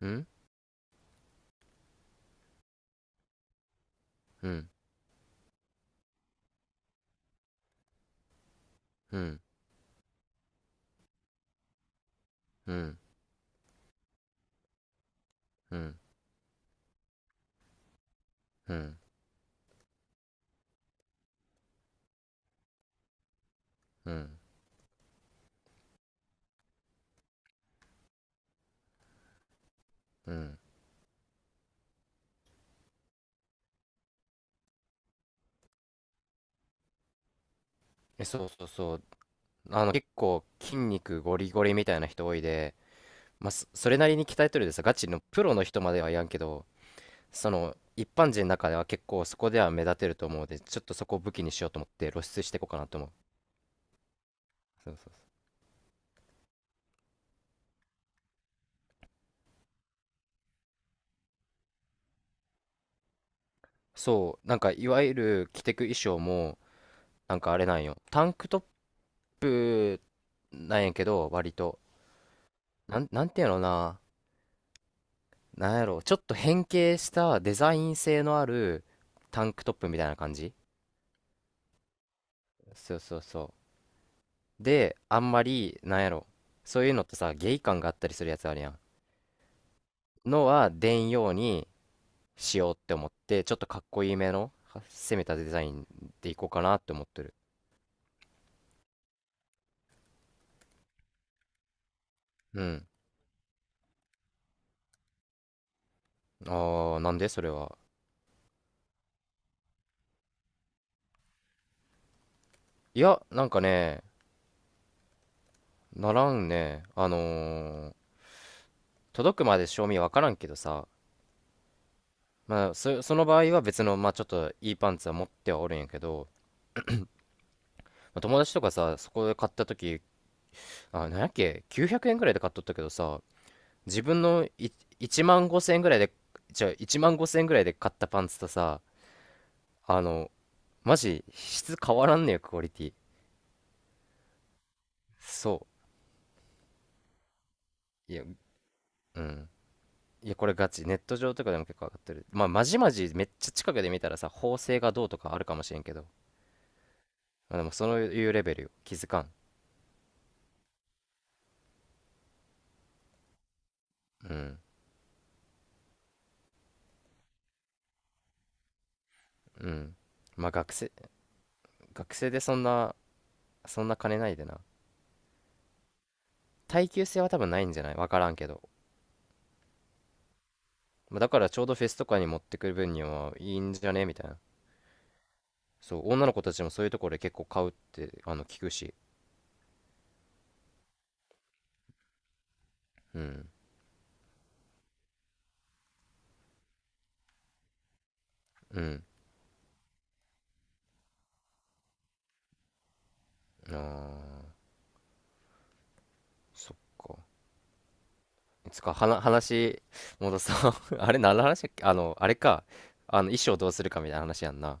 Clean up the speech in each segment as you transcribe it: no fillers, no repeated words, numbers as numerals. うん。うん。うん。うん。うん。うん。うん。うん。え、そうそうそう。あの、結構筋肉ゴリゴリみたいな人多いで、まあ、それなりに鍛えとるでさ、ガチのプロの人まではやんけど、その一般人の中では結構そこでは目立てると思うので、ちょっとそこを武器にしようと思って露出していこうかなと思うそう。そうそうそう。なんか、いわゆる着てく衣装も、なんかあれなんよ、タンクトップなんやけど、割となんていうのかな、なんやろう、ちょっと変形したデザイン性のあるタンクトップみたいな感じ。そうそうそう。で、あんまり、なんやろ、そういうのってさ、ゲイ感があったりするやつあるやん。のは出んようにしようって思って、ちょっとかっこいいめの、は攻めたデザインでいこうかなって思ってる。うん。あー、なんでそれは。いや、なんかね、ならんね。あのー、届くまで賞味わからんけどさ、まあ、その場合は別の、まあちょっといいパンツは持ってはおるんやけど、友達とかさ、そこで買った時、あ、なんやっけ、900円ぐらいで買っとったけどさ、自分のい1万5千円ぐらいで、じゃあ1万5千円ぐらいで買ったパンツとさ、あの、マジ質変わらんねよ、クオリティ。そう。いや、うん。いや、これガチ。ネット上とかでも結構上がってる。まあ、まじまじめっちゃ近くで見たらさ、縫製がどうとかあるかもしれんけど。まあ、でも、そういうレベルよ。気づかん。うん。うん。まあ、学生でそんな、そんな金ないでな。耐久性は多分ないんじゃないわからんけど。まあだからちょうどフェスとかに持ってくる分にはいいんじゃねみたいな。そう、女の子たちもそういうところで結構買うって、あの、聞くし。うん。うん。あー、そっか。つか、はな、話、戻そう。あれ、何の話だっけ、あの、あれか。あの、衣装どうするかみたいな話やんな。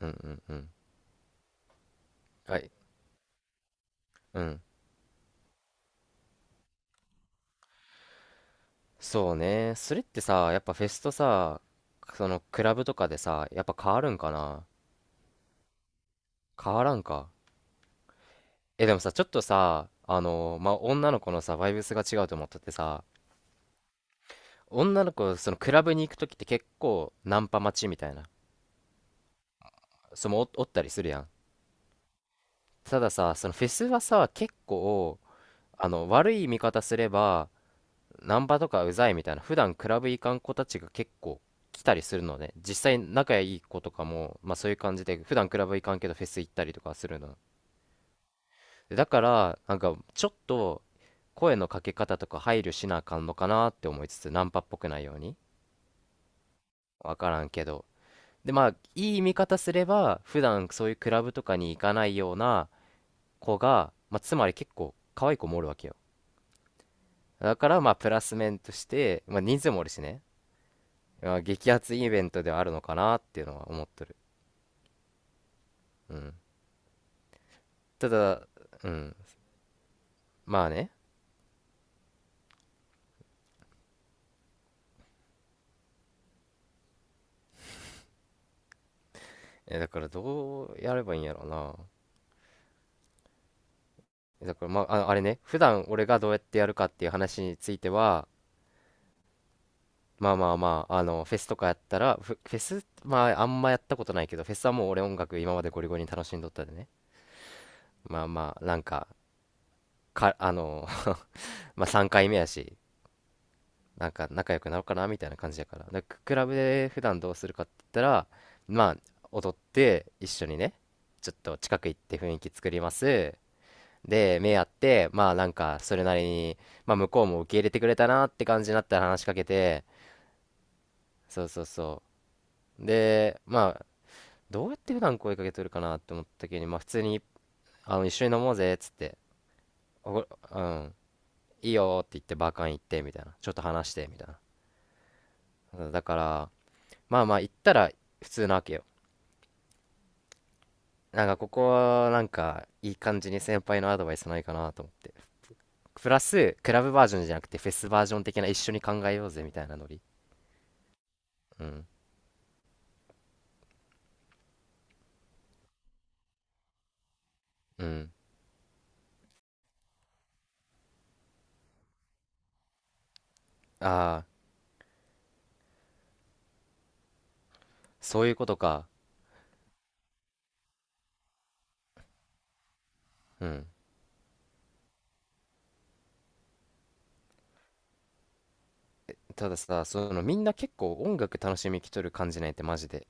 うんうんうん。はい。うん。そうね。それってさ、やっぱフェスとさ、その、クラブとかでさ、やっぱ変わるんかな。変わらんか。え、でもさ、ちょっとさ、あの、まあ、女の子のさ、バイブスが違うと思っててさ、女の子、そのクラブに行くときって結構ナンパ待ちみたいな、おったりするやん。たださ、そのフェスはさ、結構、あの、悪い見方すれば、ナンパとかうざいみたいな、普段クラブ行かん子たちが結構来たりするのね。実際仲いい子とかも、まあそういう感じで、普段クラブ行かんけどフェス行ったりとかするのね。だからなんかちょっと声のかけ方とか配慮しなあかんのかなって思いつつ、ナンパっぽくないように、わからんけど。で、まあいい見方すれば、普段そういうクラブとかに行かないような子が、まあ、つまり結構可愛い子もおるわけよ。だからまあプラス面として、まあ、人数もおるしね、まあ、激アツイベントではあるのかなっていうのは思っとる。うん。ただ、うん、まあね。え、だからどうやればいいんやろうな。だからまあ、あのあれね、普段俺がどうやってやるかっていう話については、まあまあまあ、あの、フェスとかやったら、フェス、まああんまやったことないけど、フェスはもう俺音楽今までゴリゴリに楽しんどったでね。まあまあ、なんか、あの、まあ3回目やし、なんか仲良くなろうかなみたいな感じやから。で、クラブで普段どうするかって言ったら、まあ、踊って一緒にね、ちょっと近く行って雰囲気作ります。で、目合って、まあなんか、それなりに、まあ向こうも受け入れてくれたなって感じになったら話しかけて、そうそうそう。で、まあ、どうやって普段声かけとるかなって思った時に、まあ普通に、あの、一緒に飲もうぜっつって、お、うん、いいよって言ってバーカン行ってみたいな、ちょっと話してみたいな。だから、まあまあ行ったら普通なわけよ。なんかここはなんかいい感じに先輩のアドバイスないかなと思って。プラス、クラブバージョンじゃなくてフェスバージョン的な一緒に考えようぜみたいなノリ。うん。うん。ああ、そういうことか。うん。たださ、そのみんな結構音楽楽しみきとる感じないってマジで。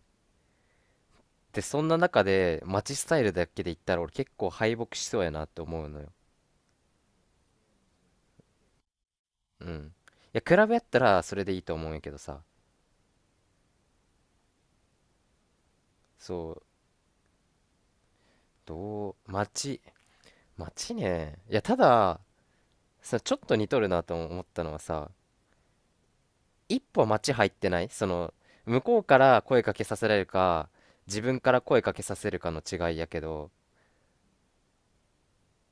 で、そんな中で街スタイルだけで言ったら俺結構敗北しそうやなって思うのよ。うん。いや、比べやったらそれでいいと思うんやけどさ。そう、どう、街、街ね。いや、ただ、さ、ちょっと似とるなと思ったのはさ、一歩街入ってないその、向こうから声かけさせられるか、自分から声かけさせるかの違いやけど、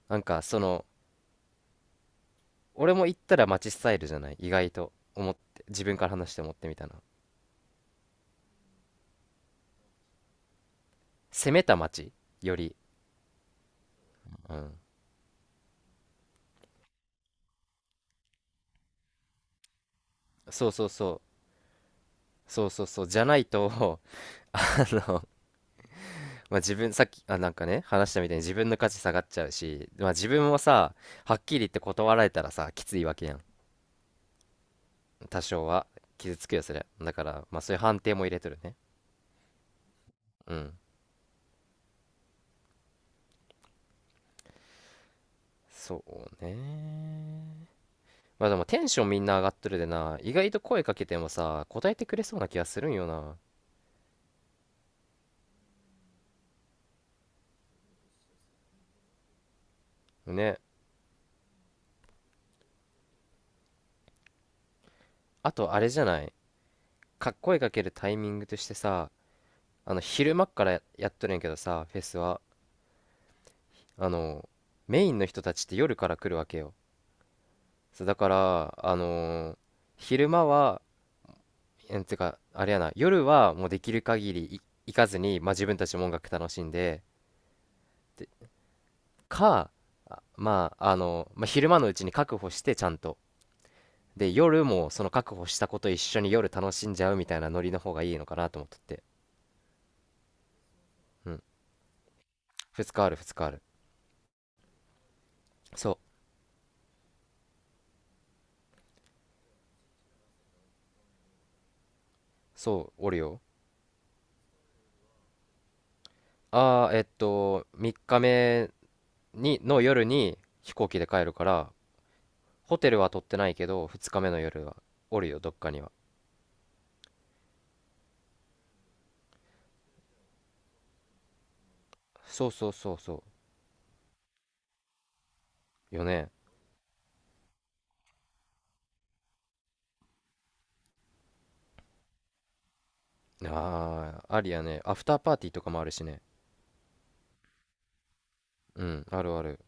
なんかその、俺も行ったら街スタイルじゃない意外と思って自分から話して思ってみたな。攻めた街より、うん、そうそうそうそうそうそうじゃないと あの、まあ、自分さっきなんかね話したみたいに自分の価値下がっちゃうし、まあ、自分もさ、はっきり言って断られたらさきついわけやん。多少は傷つくよそれ。だからまあそういう判定も入れとるね。うん。そうね。まあでもテンションみんな上がっとるでな、意外と声かけてもさ答えてくれそうな気がするんよな。ね、あとあれじゃないか、声かけるタイミングとしてさ、あの、昼間っからやっとるんやけどさフェスは、あの、メインの人たちって夜から来るわけよ。そうだから、あのー、昼間は、えんてかあれやな、夜はもうできる限り行かずに、まあ、自分たちも音楽楽しんで、かまああの、まあ、昼間のうちに確保してちゃんと、で夜もその確保したこと一緒に夜楽しんじゃうみたいなノリの方がいいのかなと思っとって。うん。2日ある、2日ある。そうそう、おるよ。ああ、えっと、3日目の夜に飛行機で帰るから、ホテルは取ってないけど、2日目の夜はおるよ、どっかには。そうそうそうそう。よね。ああ、ありやね。アフターパーティーとかもあるしね。うん、あるある。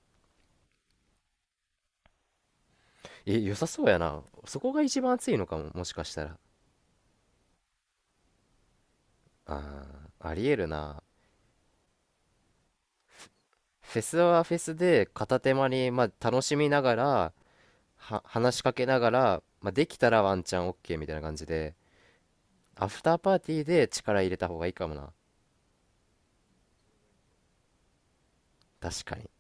え、良さそうやな。そこが一番暑いのかも、もしかしたら。ああ、ありえるな。フェスはフェスで片手間に、まあ、楽しみながら、話しかけながら、まあ、できたらワンチャン OK みたいな感じで。アフターパーティーで力入れた方がいいかもな。確かに。